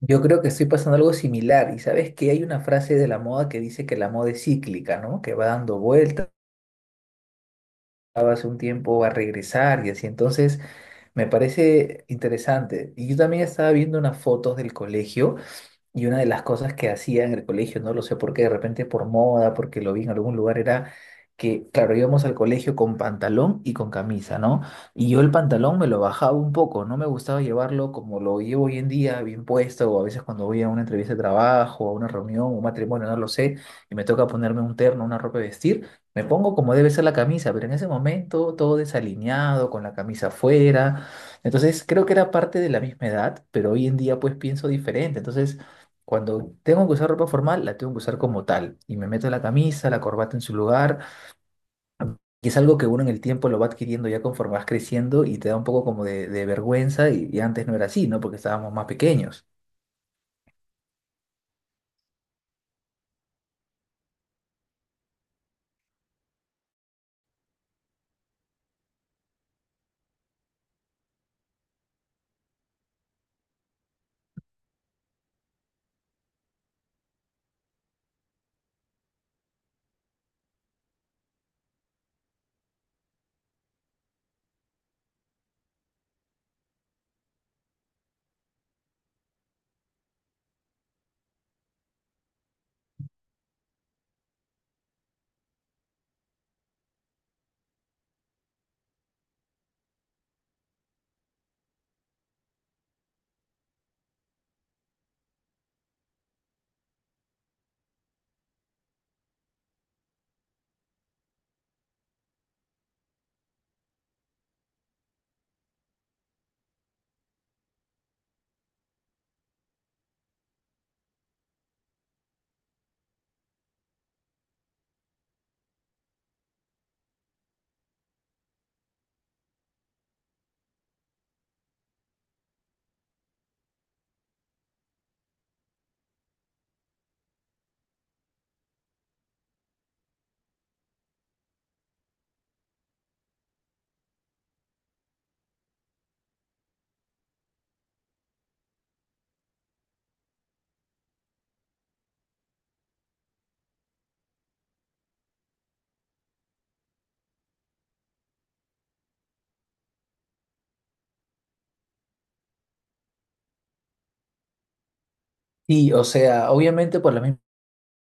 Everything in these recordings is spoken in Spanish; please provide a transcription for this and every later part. Yo creo que estoy pasando algo similar y sabes que hay una frase de la moda que dice que la moda es cíclica, ¿no? Que va dando vueltas, hace un tiempo va a regresar y así. Entonces, me parece interesante. Y yo también estaba viendo unas fotos del colegio. Y una de las cosas que hacía en el colegio, no lo sé por qué, de repente por moda, porque lo vi en algún lugar, era que, claro, íbamos al colegio con pantalón y con camisa, ¿no? Y yo el pantalón me lo bajaba un poco, no me gustaba llevarlo como lo llevo hoy en día, bien puesto, o a veces cuando voy a una entrevista de trabajo, a una reunión, un matrimonio, no lo sé, y me toca ponerme un terno, una ropa de vestir, me pongo como debe ser la camisa, pero en ese momento todo desalineado, con la camisa afuera. Entonces creo que era parte de la misma edad, pero hoy en día pues pienso diferente. Entonces, cuando tengo que usar ropa formal, la tengo que usar como tal. Y me meto la camisa, la corbata en su lugar. Y es algo que uno en el tiempo lo va adquiriendo ya conforme vas creciendo y te da un poco como de vergüenza. Y antes no era así, ¿no? Porque estábamos más pequeños. Y, o sea, obviamente por la misma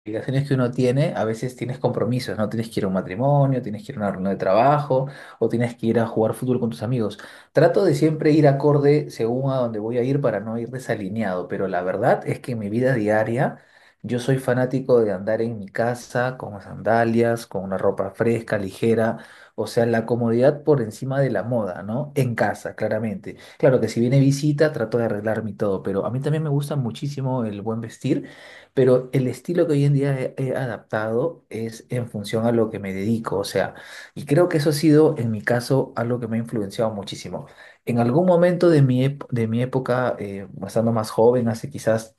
obligaciones que uno tiene, a veces tienes compromisos, ¿no? Tienes que ir a un matrimonio, tienes que ir a una reunión de trabajo o tienes que ir a jugar fútbol con tus amigos. Trato de siempre ir acorde según a dónde voy a ir para no ir desalineado, pero la verdad es que en mi vida diaria yo soy fanático de andar en mi casa con sandalias, con una ropa fresca, ligera. O sea, la comodidad por encima de la moda, ¿no? En casa, claramente. Claro que si viene visita, trato de arreglarme y todo, pero a mí también me gusta muchísimo el buen vestir. Pero el estilo que hoy en día he adaptado es en función a lo que me dedico, o sea, y creo que eso ha sido, en mi caso, algo que me ha influenciado muchísimo. En algún momento de mi, de mi época, estando más joven, hace quizás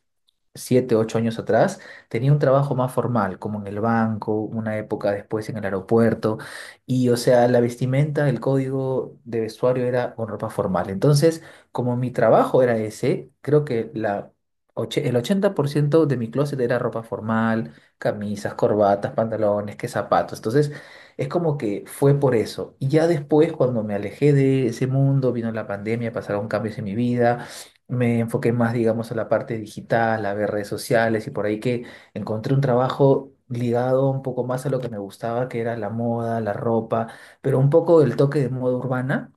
7, 8 años atrás, tenía un trabajo más formal, como en el banco, una época después en el aeropuerto, y o sea, la vestimenta, el código de vestuario era con ropa formal. Entonces, como mi trabajo era ese, creo que la el 80% de mi closet era ropa formal, camisas, corbatas, pantalones, que zapatos. Entonces, es como que fue por eso. Y ya después, cuando me alejé de ese mundo, vino la pandemia, pasaron cambios en mi vida, me enfoqué más, digamos, a la parte digital, a ver redes sociales y por ahí que encontré un trabajo ligado un poco más a lo que me gustaba, que era la moda, la ropa, pero un poco el toque de moda urbana,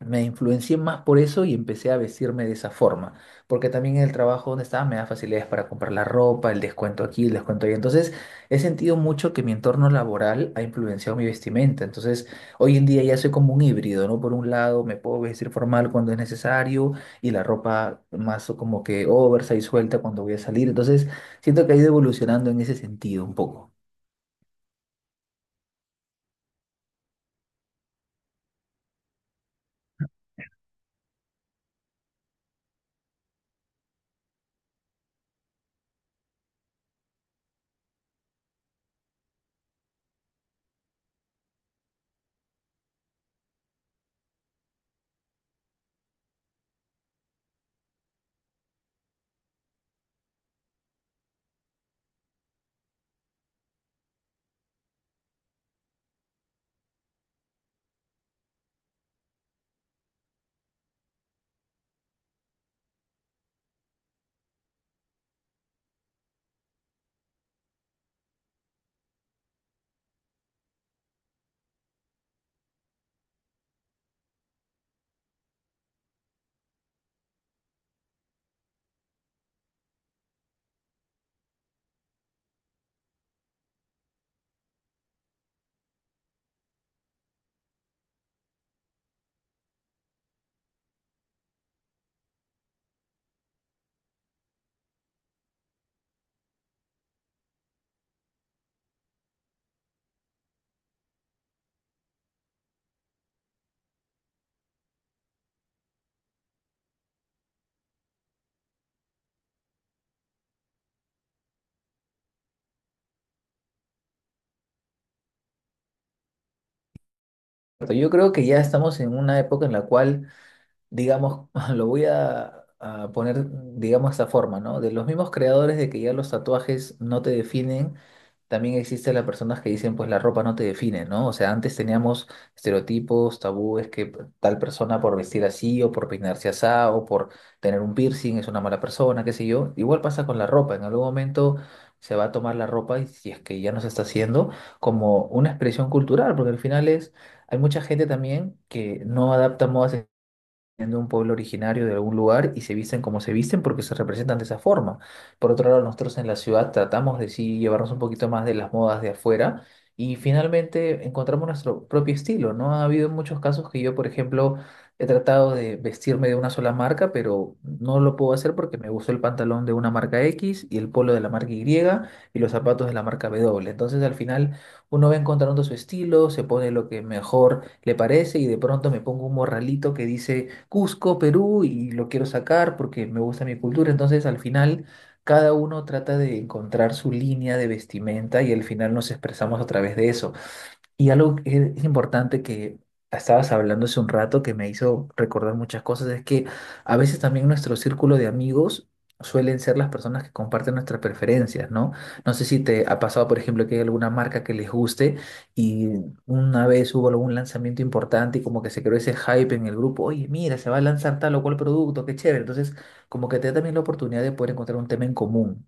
me influencié más por eso y empecé a vestirme de esa forma, porque también en el trabajo donde estaba me da facilidades para comprar la ropa, el descuento aquí, el descuento allá. Entonces, he sentido mucho que mi entorno laboral ha influenciado mi vestimenta. Entonces, hoy en día ya soy como un híbrido, ¿no? Por un lado, me puedo vestir formal cuando es necesario y la ropa más o como que oversize suelta cuando voy a salir. Entonces, siento que ha ido evolucionando en ese sentido un poco. Yo creo que ya estamos en una época en la cual digamos, lo voy a poner, digamos, de esta forma, ¿no? De los mismos creadores de que ya los tatuajes no te definen, también existen las personas que dicen, pues la ropa no te define, ¿no? O sea, antes teníamos estereotipos, tabúes, que tal persona por vestir así o por peinarse así o por tener un piercing es una mala persona, qué sé yo. Igual pasa con la ropa, en algún momento se va a tomar la ropa y si es que ya no se está haciendo como una expresión cultural, porque al final es, hay mucha gente también que no adapta modas de un pueblo originario de algún lugar y se visten como se visten porque se representan de esa forma. Por otro lado, nosotros en la ciudad tratamos de sí llevarnos un poquito más de las modas de afuera y finalmente encontramos nuestro propio estilo, ¿no? Ha habido muchos casos que yo, por ejemplo, he tratado de vestirme de una sola marca, pero no lo puedo hacer porque me gustó el pantalón de una marca X y el polo de la marca Y y los zapatos de la marca W. Entonces, al final uno va encontrando su estilo, se pone lo que mejor le parece y de pronto me pongo un morralito que dice Cusco, Perú y lo quiero sacar porque me gusta mi cultura. Entonces al final cada uno trata de encontrar su línea de vestimenta y al final nos expresamos a través de eso. Y algo que es importante que estabas hablando hace un rato que me hizo recordar muchas cosas es que a veces también nuestro círculo de amigos suelen ser las personas que comparten nuestras preferencias, ¿no? No sé si te ha pasado, por ejemplo, que hay alguna marca que les guste y una vez hubo algún lanzamiento importante y como que se creó ese hype en el grupo, oye, mira, se va a lanzar tal o cual producto, qué chévere. Entonces, como que te da también la oportunidad de poder encontrar un tema en común.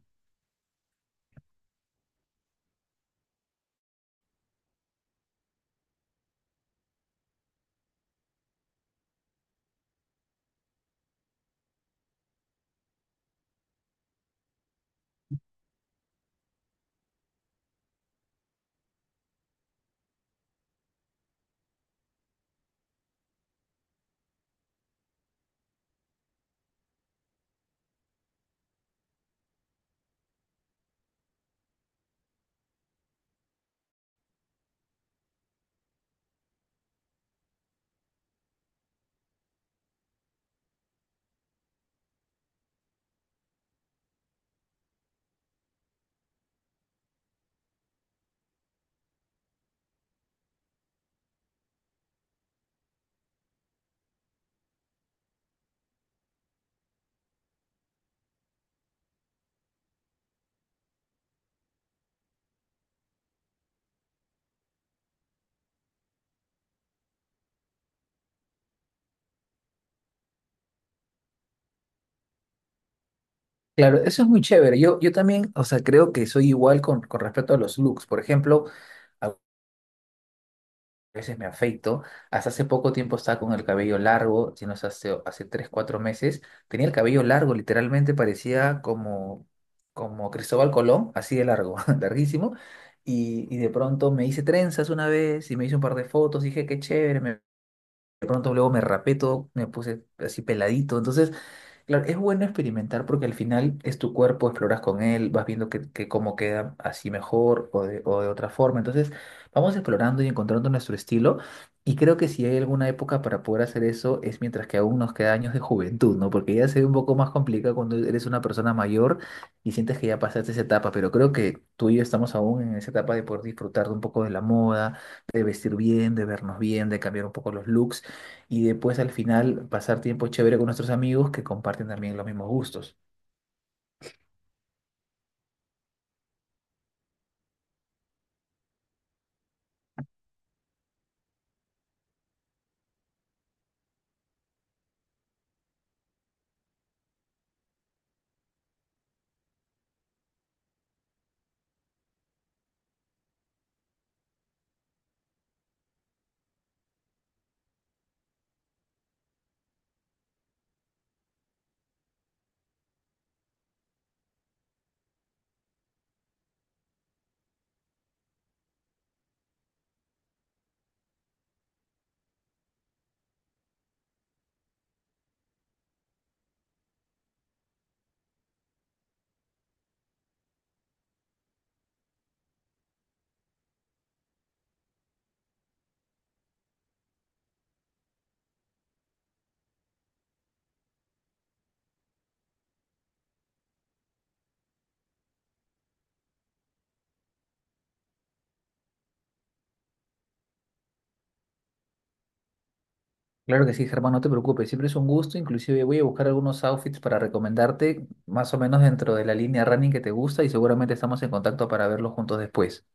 Claro, eso es muy chévere. Yo también, o sea, creo que soy igual con respecto a los looks. Por ejemplo, a veces me afeito. Hasta hace poco tiempo estaba con el cabello largo, si no es hace, hace 3, 4 meses. Tenía el cabello largo, literalmente parecía como, como Cristóbal Colón, así de largo, larguísimo. Y de pronto me hice trenzas una vez y me hice un par de fotos. Dije, qué chévere. De pronto luego me rapé todo, me puse así peladito. Entonces claro, es bueno experimentar porque al final es tu cuerpo, exploras con él, vas viendo que cómo queda así mejor o de otra forma. Entonces, vamos explorando y encontrando nuestro estilo. Y creo que si hay alguna época para poder hacer eso es mientras que aún nos queda años de juventud, ¿no? Porque ya se ve un poco más complicado cuando eres una persona mayor y sientes que ya pasaste esa etapa. Pero creo que tú y yo estamos aún en esa etapa de poder disfrutar de un poco de la moda, de vestir bien, de vernos bien, de cambiar un poco los looks y después al final pasar tiempo chévere con nuestros amigos que comparten también los mismos gustos. Claro que sí, Germán, no te preocupes, siempre es un gusto, inclusive voy a buscar algunos outfits para recomendarte más o menos dentro de la línea running que te gusta y seguramente estamos en contacto para verlos juntos después.